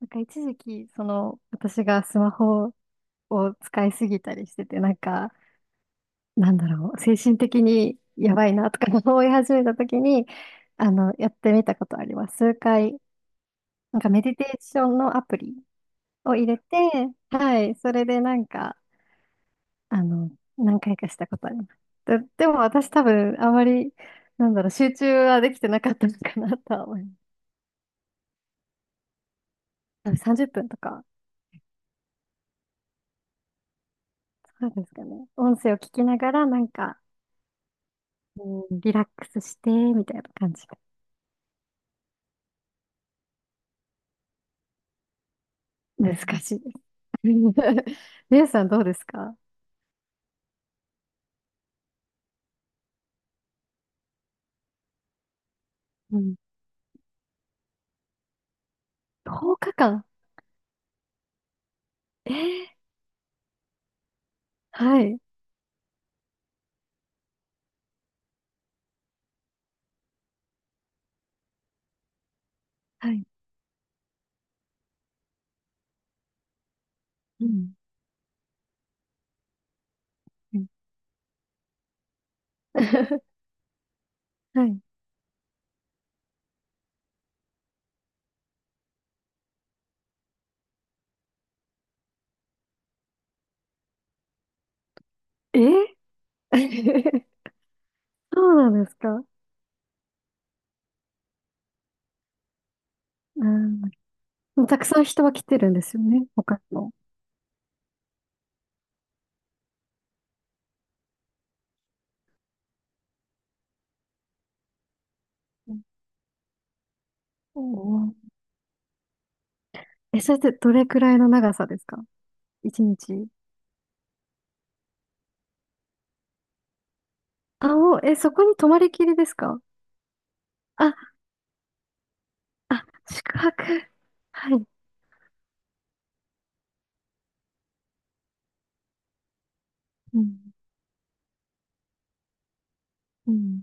なんか一時期、その、私がスマホを使いすぎたりしてて、なんか、なんだろう、精神的にやばいなとか 思い始めた時に、あの、やってみたことあります。数回、なんかメディテーションのアプリを入れて、はい、それでなんか、あの、何回かしたことあります。でも私多分、あまり、なんだろう、集中はできてなかったのかなとは思います。30分とか、そうですかね。音声を聞きながら、なんか、うん、リラックスして、みたいな感じが難しいです。皆さんどうですか？うん。10日間？えー、はい。はい。うん。うん。 はい。えー。 そうなんですか？うん。でもたくさん人は来てるんですよね、他の。うん。おー。え、それってどれくらいの長さですか？一日。あ、もう、え、そこに泊まりきりですか？あ、あ、宿泊。はい。うん。うん。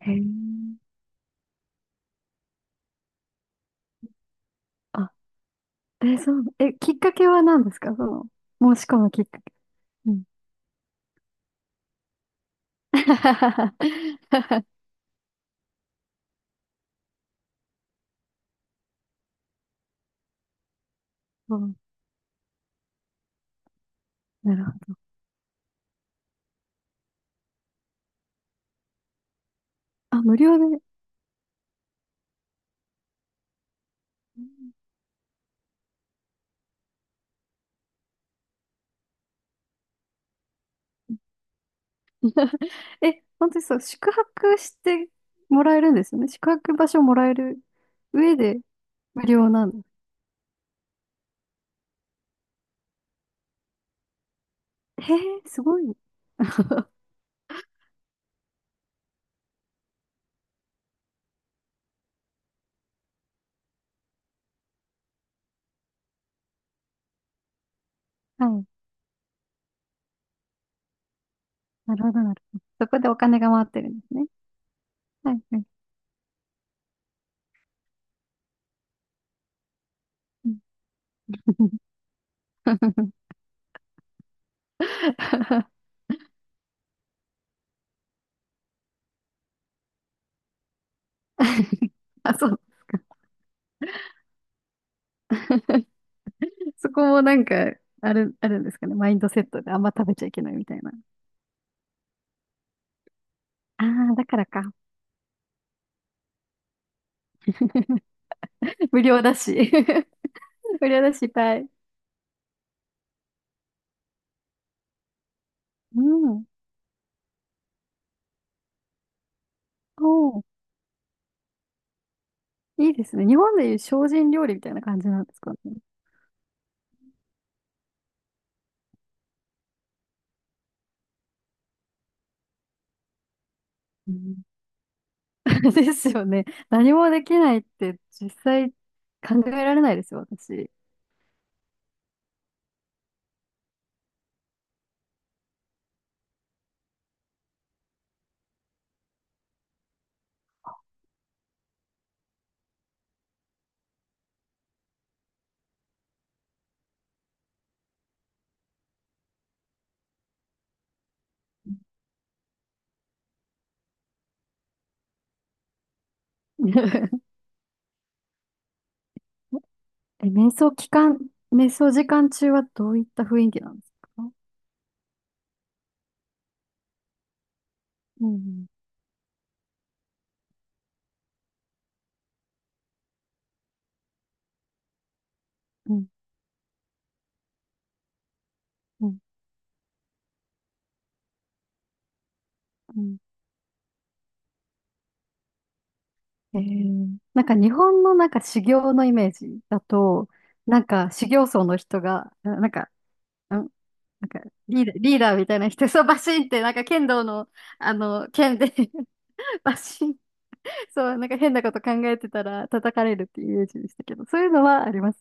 へえ。あ、え、そう、え、きっかけは何ですか？その、申し込むきっかけ。うん。そう。なるほど。あ、無料で。え、本当にそう、宿泊してもらえるんですよね。宿泊場所もらえる上で無料なの？へえ、すごい。はい。なるほど、なるほど。そこでお金が回ってるんですね。はい、はい。うん。 あ、そうですか。そこもなんか、あるんですかね。マインドセットであんま食べちゃいけないみたいな。ああ、だからか。無料だし。無料だし、いっぱい。うん。おー、いいですね。日本でいう精進料理みたいな感じなんですかね。うん。 ですよね。何もできないって実際考えられないですよ、私。え、瞑想時間中はどういった雰囲気なんですか？うん、うん、うん、うん。えー、なんか日本のなんか修行のイメージだと、なんか修行僧の人が、んなんかリーダーみたいな人、そうバシンって、なんか剣道の、あの、剣で バシン、そう、なんか変なこと考えてたら叩かれるっていうイメージでしたけど、そういうのはあります？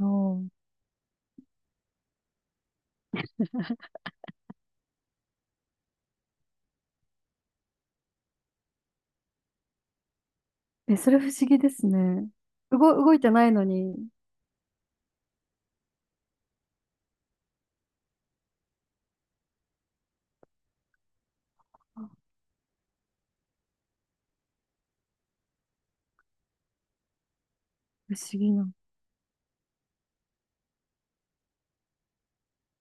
おー。え、それ不思議ですね。動、動いてないのに、あ、不思議な。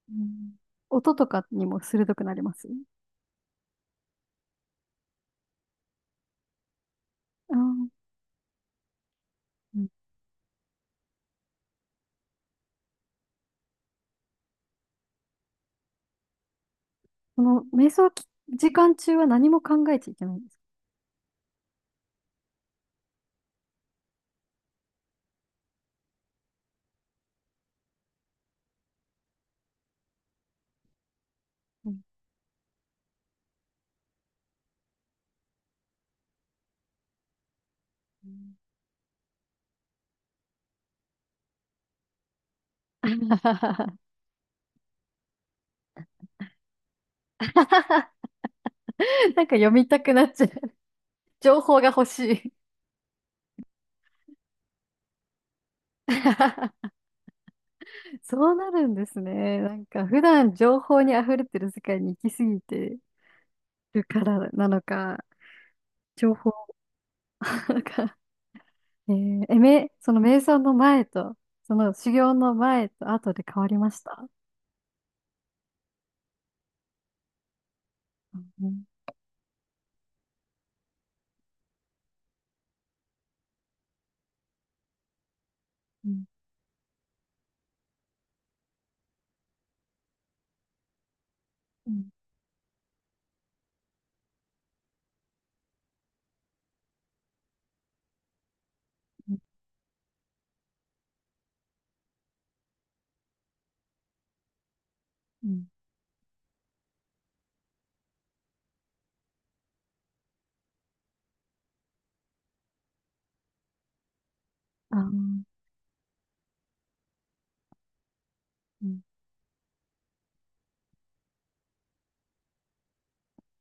うん。音とかにも鋭くなります？あー。その、瞑想き時間中は何も考えちゃいけないんですか？うん。 なんか読みたくなっちゃう。情報が欲しい。そうなるんですね。なんか普段情報に溢れてる世界に行き過ぎてるからなのか、情報なのか。えー、え、その瞑想の前と、その修行の前と後で変わりました？うん、うん、うん、うん、うん。あー、うん、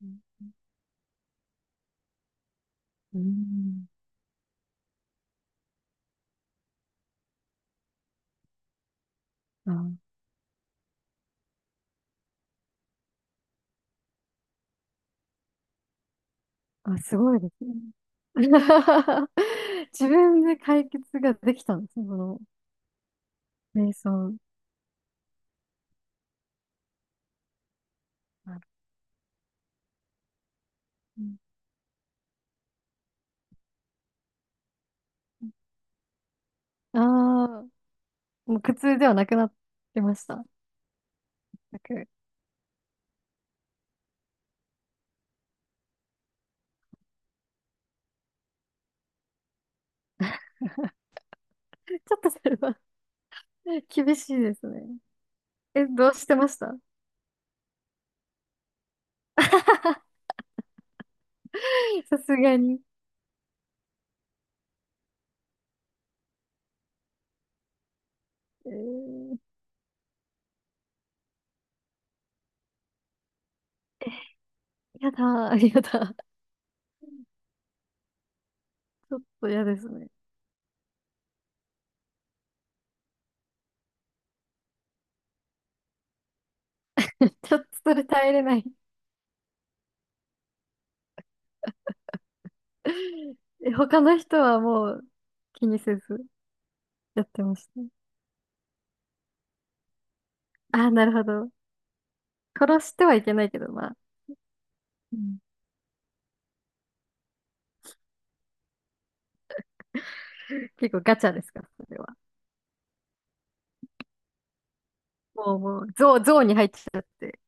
うん、うん。あ、すごいですね。自分で解決ができたんですね、この瞑想。ああー、もう苦痛ではなくなってました？全く。ちょっとそれは 厳しいですね。え、どうしてました？ さすがに。えー、やだー、やだ。 ちょっと嫌ですね。ちょっとそれ耐えれない。え、他の人はもう気にせずやってました？ああ、なるほど。殺してはいけないけど、まあ。うん。結構ガチャですか、それは？もう、もう、ゾーンに入っちゃって。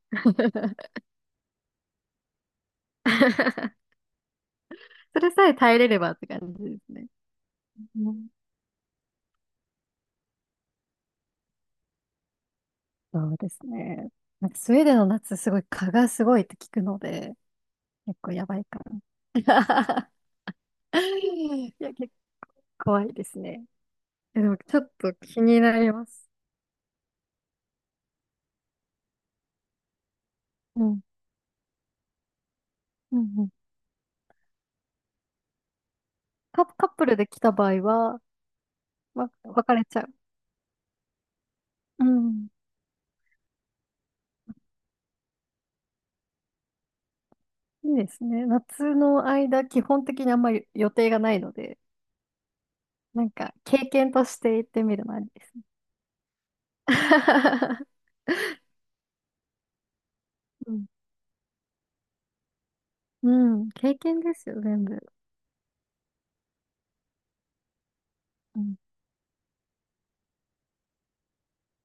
それさえ耐えれればって感じですね。うん、そうですね。なんかスウェーデンの夏、すごい蚊がすごいって聞くので、結構やばいかな。いや、結構怖いですね。でも、ちょっと気になります。うん。うん、うん。カップルで来た場合は、ま、別れちゃう？うん。いいですね。夏の間、基本的にあんまり予定がないので、なんか、経験として言ってみるのありですね。うん、うん、経験ですよ、全部。うん。